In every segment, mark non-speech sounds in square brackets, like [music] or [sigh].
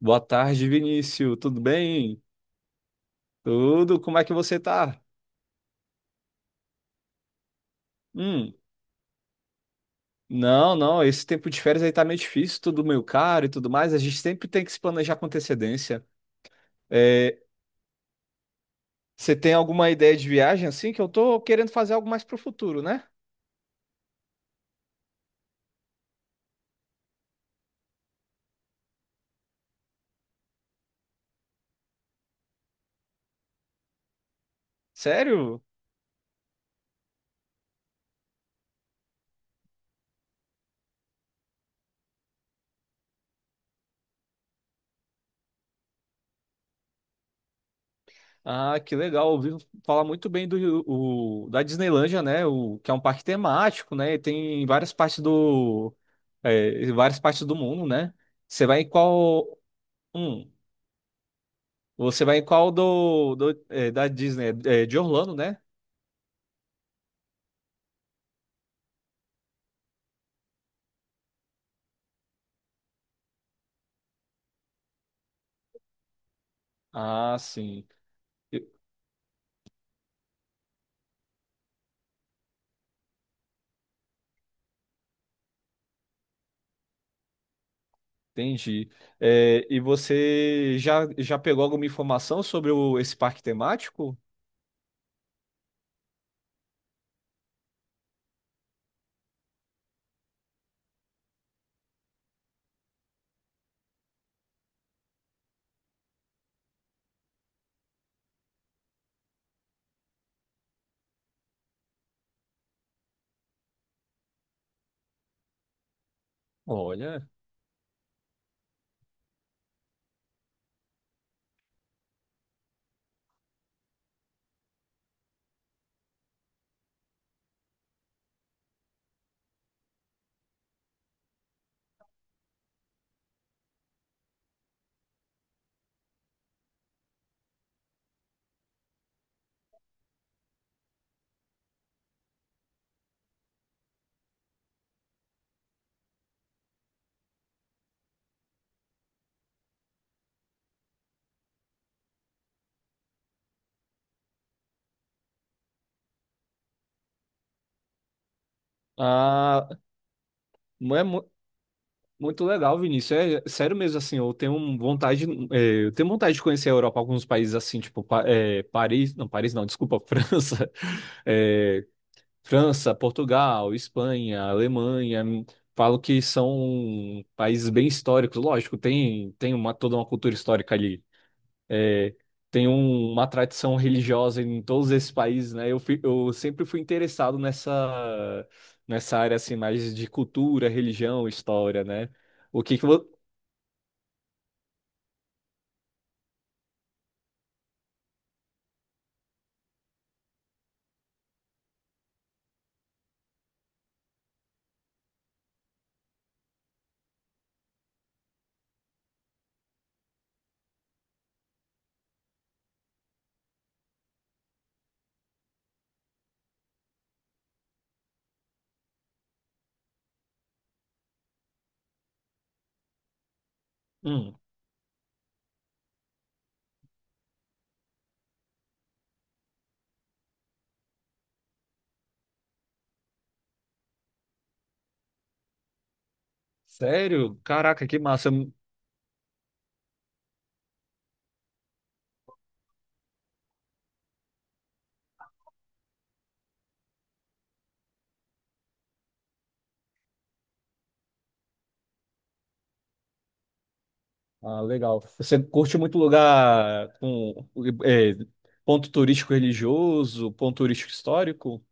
Boa tarde, Vinícius. Tudo bem? Tudo? Como é que você tá? Hum, não. Esse tempo de férias aí tá meio difícil, tudo meio caro e tudo mais. A gente sempre tem que se planejar com antecedência. É, você tem alguma ideia de viagem assim? Que eu tô querendo fazer algo mais pro futuro, né? Sério? Ah, que legal. Ouvi falar muito bem da Disneylândia, né? O, que é um parque temático, né? E tem em várias partes é, em várias partes do mundo, né? Você vai em qual. Hum. Você vai em qual é, da Disney? É, de Orlando, né? Ah, sim. Eu- Entendi. É, e você já pegou alguma informação sobre esse parque temático? Olha. Ah, não é mu- muito legal, Vinícius. É sério mesmo, assim, vontade, é, eu tenho vontade de conhecer a Europa, alguns países assim, tipo, Paris não, desculpa, [laughs] França, É, França, Portugal, Espanha, Alemanha, falo que são países bem históricos. Lógico, tem uma, toda uma cultura histórica ali. É, uma tradição religiosa em todos esses países, né? Eu sempre fui interessado nessa área assim, mais de cultura, religião, história, né? O que que vo- Hum, sério? Caraca, que massa! Ah, legal. Você curte muito lugar com é, ponto turístico religioso, ponto turístico histórico?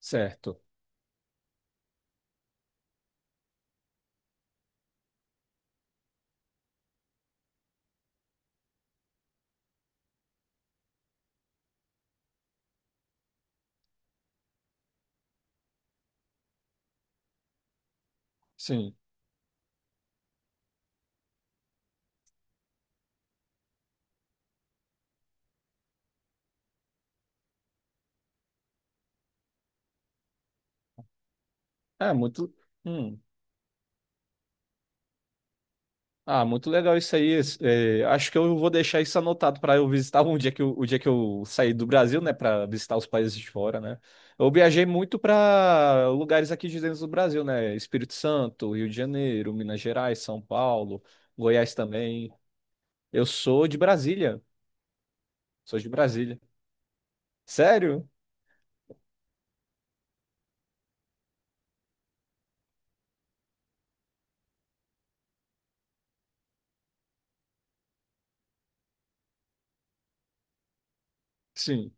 Certo. Sim. É muito. hum. Ah, muito legal isso aí. Acho que eu vou deixar isso anotado para eu visitar um dia o dia que eu sair do Brasil, né, para visitar os países de fora, né? Eu viajei muito para lugares aqui de dentro do Brasil, né? Espírito Santo, Rio de Janeiro, Minas Gerais, São Paulo, Goiás também. Eu sou de Brasília. Sou de Brasília. Sério? Sim.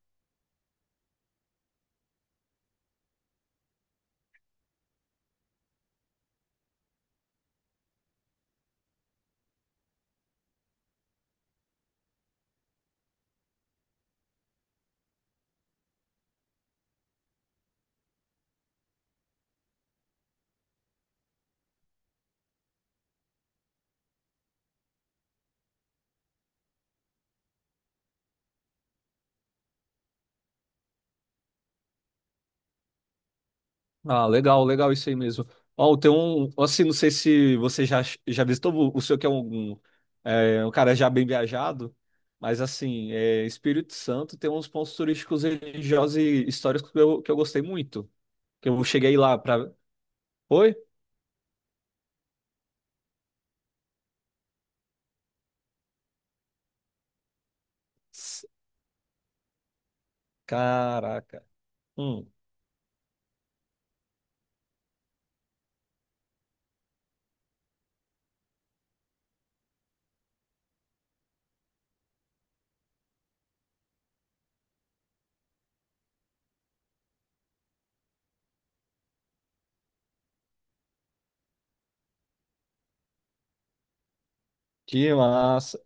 Ah, legal, legal isso aí mesmo. Ó, tem um, assim, não sei se você já visitou o senhor que é um cara já bem viajado, mas assim, é, Espírito Santo tem uns pontos turísticos religiosos e históricos que eu gostei muito. Que eu cheguei lá pra. Oi? S- Caraca. Hum, que massa.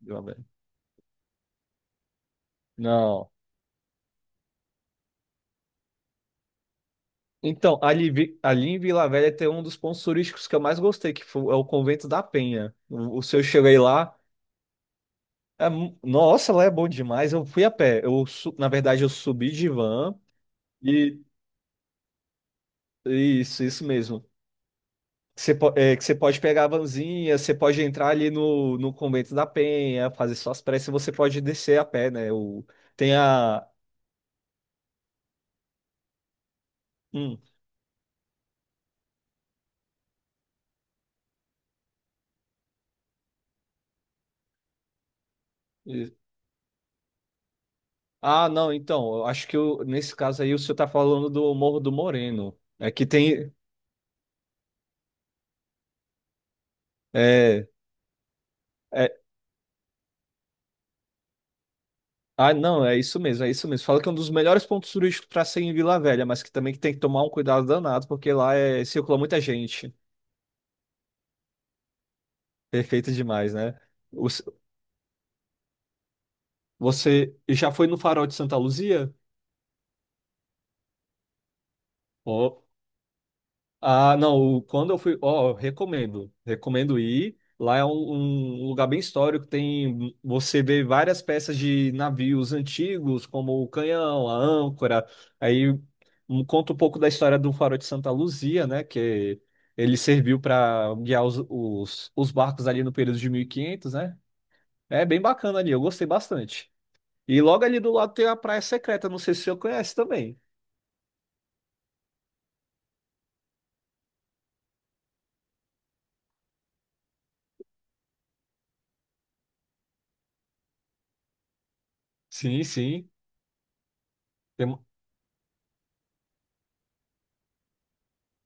Vila Velha. Não. Então, ali em Vila Velha tem um dos pontos turísticos que eu mais gostei, que foi, é o Convento da Penha. O senhor chegou aí lá. Nossa, lá é bom demais. Eu fui a pé. Na verdade, eu subi de van e isso mesmo. Que você pode pegar a vanzinha, você pode entrar ali no, no Convento da Penha, fazer suas preces, você pode descer a pé, né? O, tem a. hum, e- ah, não, então, eu acho que eu- nesse caso aí o senhor tá falando do Morro do Moreno. É que tem. É, é, Ah, não, é isso mesmo, é isso mesmo. Fala que é um dos melhores pontos turísticos para ser em Vila Velha, mas que também que tem que tomar um cuidado danado, porque lá é, circula muita gente. Perfeito demais, né? Os- Você já foi no Farol de Santa Luzia? Ó, Ah, não, o- quando eu fui, ó, recomendo, recomendo ir. Lá é um lugar bem histórico, tem, você vê várias peças de navios antigos, como o canhão, a âncora. Aí conta um pouco da história do Farol de Santa Luzia, né, que ele serviu para guiar os barcos ali no período de 1500, né? É bem bacana ali, eu gostei bastante. E logo ali do lado tem a Praia Secreta, não sei se você conhece também. Sim, sim.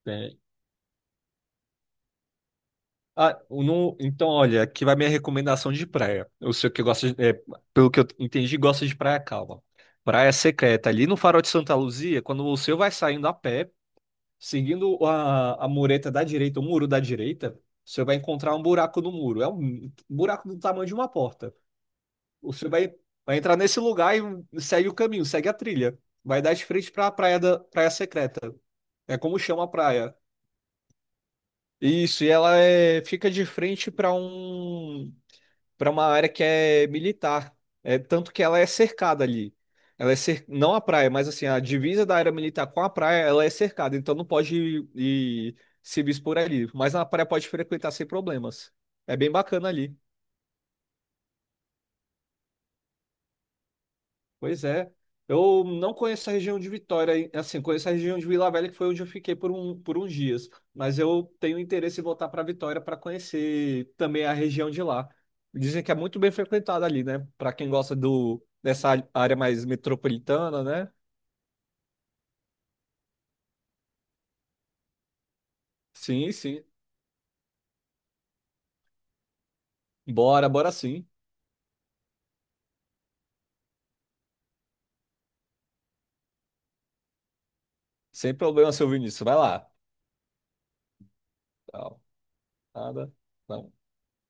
Tem, Ah, o no- então, olha, aqui vai minha recomendação de praia. Eu sei que gosta de, é, pelo que eu entendi, gosta de praia calma. Praia secreta. Ali no Farol de Santa Luzia, quando você vai saindo a pé, seguindo a mureta da direita, o muro da direita, você vai encontrar um buraco no muro. É um buraco do tamanho de uma porta. Você vai, vai entrar nesse lugar e segue o caminho, segue a trilha. Vai dar de frente para praia secreta. É como chama a praia. Isso, e ela é, fica de frente para um para uma área que é militar. É tanto que ela é cercada ali. Ela é cer... não a praia, mas assim, a divisa da área militar com a praia, ela é cercada, então não pode ir se expor ali, mas na praia pode frequentar sem problemas. É bem bacana ali. Pois é. Eu não conheço a região de Vitória, hein? Assim, conheço a região de Vila Velha, que foi onde eu fiquei por uns dias. Mas eu tenho interesse em voltar para Vitória para conhecer também a região de lá. Dizem que é muito bem frequentada ali, né? Para quem gosta área mais metropolitana, né? Sim, sim. Bora, bora sim. Sem problema, seu Vinícius. Vai lá. Não, nada. Não.